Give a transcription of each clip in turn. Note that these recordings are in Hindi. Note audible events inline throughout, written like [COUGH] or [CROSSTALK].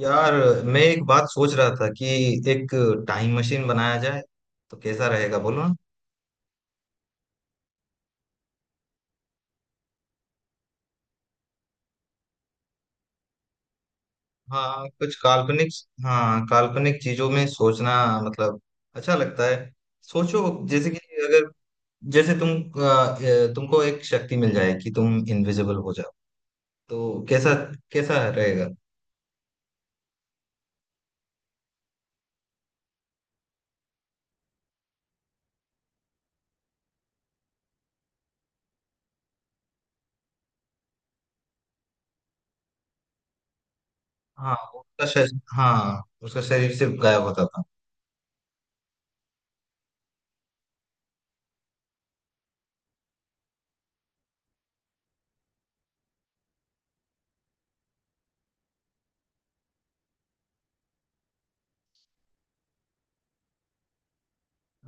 यार मैं एक बात सोच रहा था कि एक टाइम मशीन बनाया जाए तो कैसा रहेगा बोलो ना। हाँ कुछ काल्पनिक। हाँ काल्पनिक चीजों में सोचना मतलब अच्छा लगता है। सोचो जैसे कि अगर जैसे तुम तुमको एक शक्ति मिल जाए कि तुम इनविजिबल हो जाओ तो कैसा कैसा रहेगा। हाँ उसका शरीर से गायब होता था।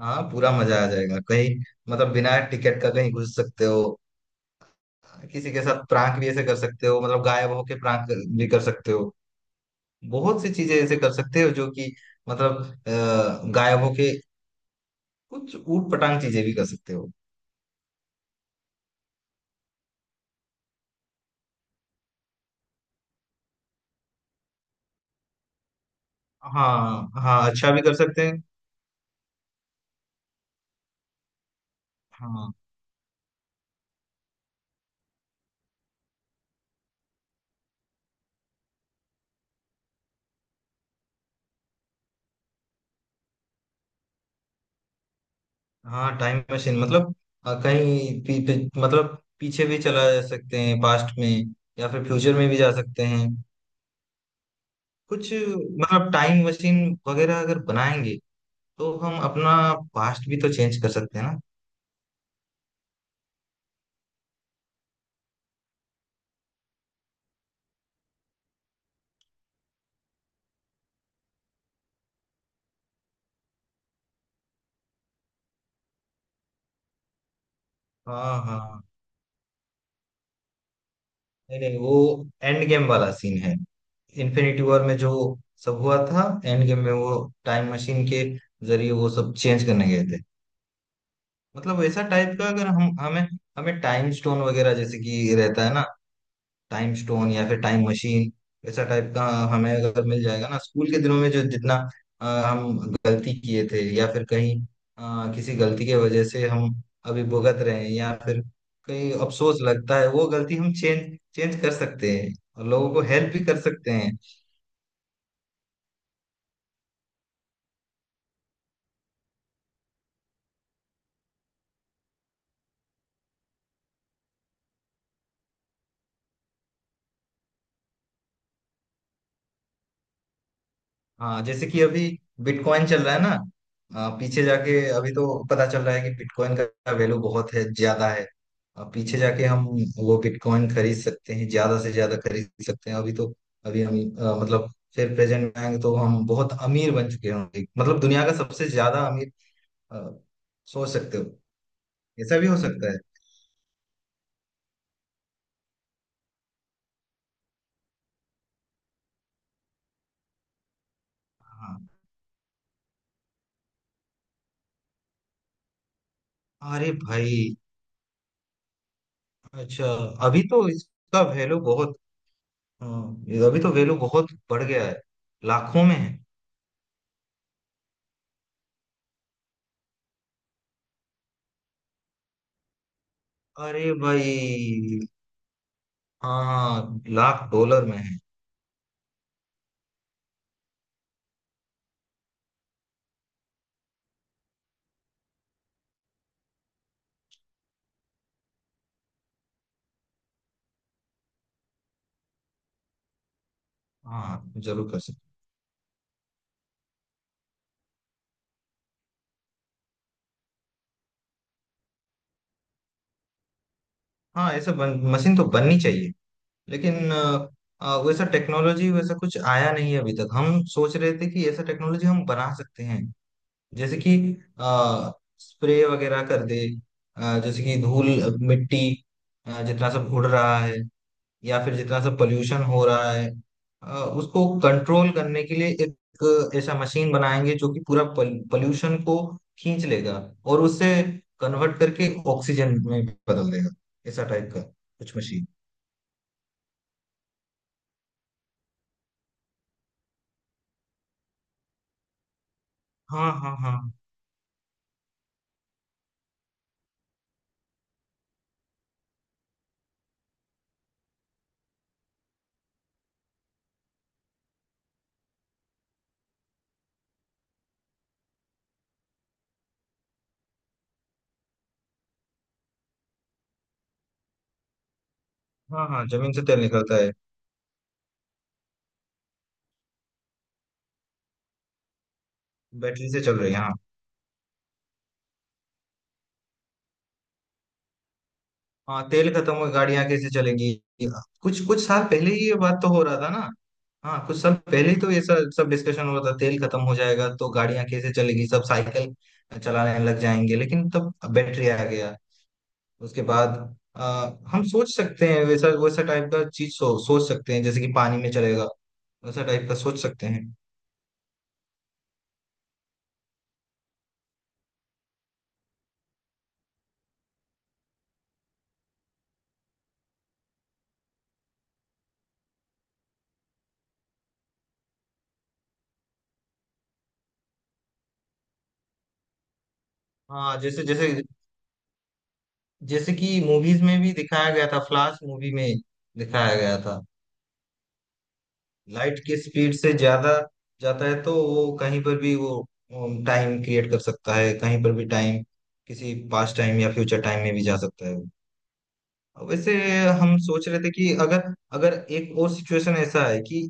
हाँ पूरा मजा आ जाएगा कहीं मतलब बिना टिकट का कहीं घुस सकते हो। किसी के साथ प्रांक भी ऐसे कर सकते हो मतलब गायब होके प्रांक भी कर सकते हो। बहुत सी चीजें ऐसे कर सकते हो जो कि मतलब गायब होके कुछ ऊट पटांग चीजें भी कर सकते हो। हाँ हाँ अच्छा भी कर सकते हैं। हाँ हाँ टाइम मशीन मतलब कहीं पी, पी, मतलब पीछे भी चला जा सकते हैं पास्ट में या फिर फ्यूचर में भी जा सकते हैं। कुछ मतलब टाइम मशीन वगैरह अगर बनाएंगे तो हम अपना पास्ट भी तो चेंज कर सकते हैं ना। हाँ हाँ नहीं नहीं वो एंड गेम वाला सीन है। इन्फिनिटी वॉर में जो सब हुआ था एंड गेम में वो टाइम मशीन के जरिए वो सब चेंज करने गए थे। मतलब वैसा टाइप का अगर हम हमें हमें टाइम स्टोन वगैरह जैसे कि रहता है ना, टाइम स्टोन या फिर टाइम मशीन ऐसा टाइप का हमें अगर मिल जाएगा ना, स्कूल के दिनों में जो जितना हम गलती किए थे या फिर कहीं किसी गलती के वजह से हम अभी भुगत रहे हैं या फिर कहीं अफसोस लगता है वो गलती हम चेंज चेंज कर सकते हैं और लोगों को हेल्प भी कर सकते हैं। हाँ जैसे कि अभी बिटकॉइन चल रहा है ना। पीछे जाके अभी तो पता चल रहा है कि बिटकॉइन का वैल्यू बहुत है ज्यादा है। पीछे जाके हम वो बिटकॉइन खरीद सकते हैं ज्यादा से ज्यादा खरीद सकते हैं। अभी तो अभी हम मतलब फिर प्रेजेंट में आएंगे तो हम बहुत अमीर बन चुके होंगे मतलब दुनिया का सबसे ज्यादा अमीर। आ, सोच सकते हो ऐसा भी हो सकता है। हाँ अरे भाई अच्छा अभी तो इसका वैल्यू बहुत। हाँ, अभी तो वैल्यू बहुत बढ़ गया है लाखों में है। अरे भाई हाँ हाँ लाख डॉलर में है। हाँ जरूर कर सकते। हाँ ऐसा मशीन तो बननी चाहिए लेकिन वैसा टेक्नोलॉजी वैसा कुछ आया नहीं है अभी तक। हम सोच रहे थे कि ऐसा टेक्नोलॉजी हम बना सकते हैं जैसे कि स्प्रे वगैरह कर दे। जैसे कि धूल मिट्टी जितना सब उड़ रहा है या फिर जितना सा पोल्यूशन हो रहा है, अ, उसको कंट्रोल करने के लिए एक ऐसा मशीन बनाएंगे जो कि पूरा पोल्यूशन को खींच लेगा और उससे कन्वर्ट करके ऑक्सीजन में बदल देगा ऐसा टाइप का कुछ मशीन। हाँ हाँ हाँ। हाँ हाँ जमीन से तेल निकलता है। बैटरी से चल रही है हाँ। हाँ तेल खत्म हो गाड़ियां कैसे चलेंगी। कुछ कुछ साल पहले ही ये बात तो हो रहा था ना। हाँ कुछ साल पहले ही तो ये सब सब डिस्कशन हो रहा था, तेल खत्म हो जाएगा तो गाड़ियां कैसे चलेगी, सब साइकिल चलाने लग जाएंगे, लेकिन तब बैटरी आ गया उसके बाद। आ, हम सोच सकते हैं वैसा वैसा टाइप का चीज सोच सकते हैं जैसे कि पानी में चलेगा वैसा टाइप का सोच सकते हैं। हाँ जैसे जैसे जैसे कि मूवीज में भी दिखाया गया था, फ्लाश मूवी में दिखाया गया था लाइट की स्पीड से ज्यादा जाता है तो वो कहीं पर भी वो टाइम क्रिएट कर सकता है, कहीं पर भी टाइम, किसी पास्ट टाइम या फ्यूचर टाइम में भी जा सकता है वो। वैसे हम सोच रहे थे कि अगर अगर एक और सिचुएशन ऐसा है कि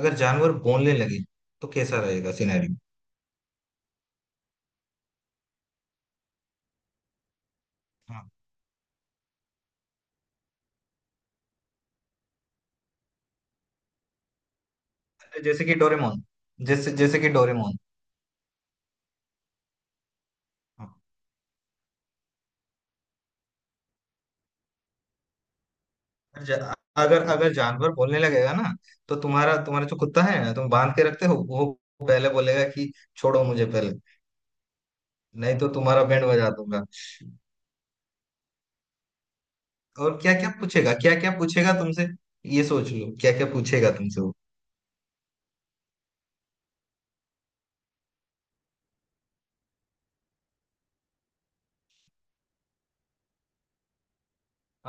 अगर जानवर बोलने लगे तो कैसा रहेगा सिनेरियो। हाँ जैसे कि डोरेमोन, जैसे जैसे कि डोरेमोन। हाँ। अगर जा- अगर अगर जानवर बोलने लगेगा ना तो तुम्हारा तुम्हारा जो कुत्ता है ना तुम बांध के रखते हो वो पहले बोलेगा कि छोड़ो मुझे पहले नहीं तो तुम्हारा बैंड बजा दूंगा। और क्या क्या पूछेगा, क्या क्या पूछेगा तुमसे, ये सोच लो क्या क्या पूछेगा तुमसे वो।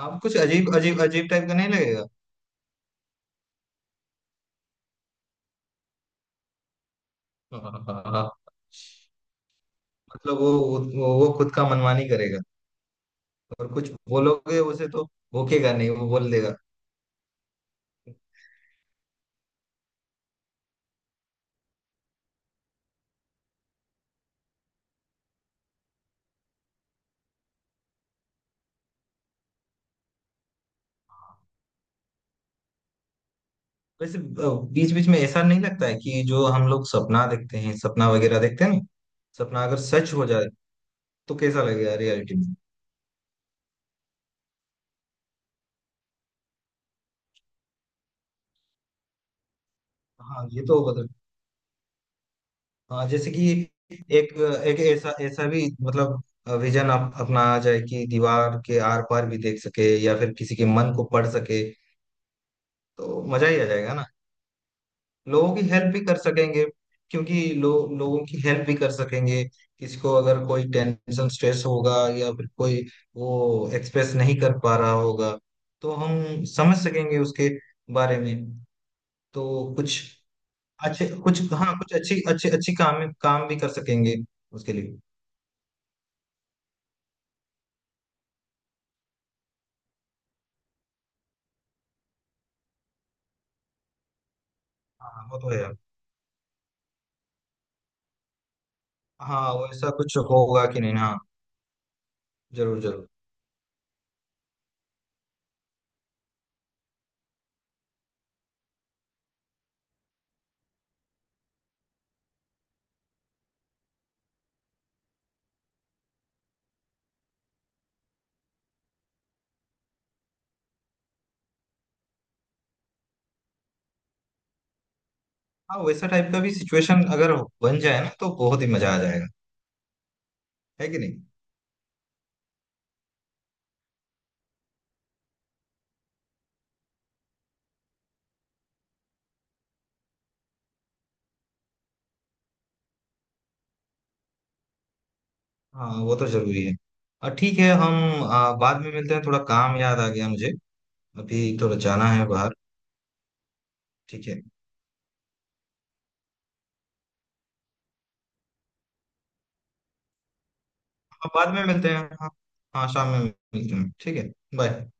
आप कुछ अजीब अजीब अजीब टाइप का नहीं लगेगा। [LAUGHS] हाँ, हाँ, हाँ। मतलब वो वो खुद का मनमानी करेगा और कुछ बोलोगे उसे तो भोकेगा नहीं वो बोल देगा। वैसे बीच बीच में ऐसा नहीं लगता है कि जो हम लोग सपना देखते हैं सपना वगैरह देखते हैं ना, सपना अगर सच हो जाए तो कैसा लगेगा रियलिटी में। हाँ ये तो। हाँ जैसे कि एक एक ऐसा ऐसा भी मतलब विजन अपनाया जाए कि दीवार के आर पार भी देख सके या फिर किसी के मन को पढ़ सके तो मजा ही आ जाएगा ना। लोगों की हेल्प भी कर सकेंगे क्योंकि लोगों की हेल्प भी कर सकेंगे। किसी को अगर कोई टेंशन स्ट्रेस होगा या फिर कोई वो एक्सप्रेस नहीं कर पा रहा होगा तो हम समझ सकेंगे उसके बारे में। तो कुछ अच्छे कुछ हाँ कुछ अच्छी अच्छे अच्छी काम काम भी कर सकेंगे उसके लिए। हाँ वो तो है। हाँ वैसा कुछ होगा कि नहीं हाँ। जरूर जरूर। हाँ वैसा टाइप का भी सिचुएशन अगर बन जाए ना तो बहुत ही मजा आ जाएगा, है कि नहीं। हाँ वो तो जरूरी है। और ठीक है हम बाद में मिलते हैं, थोड़ा काम याद आ गया मुझे, अभी थोड़ा जाना है बाहर। ठीक है हाँ बाद में मिलते हैं हाँ। हाँ शाम में मिलते हैं ठीक है। बाय।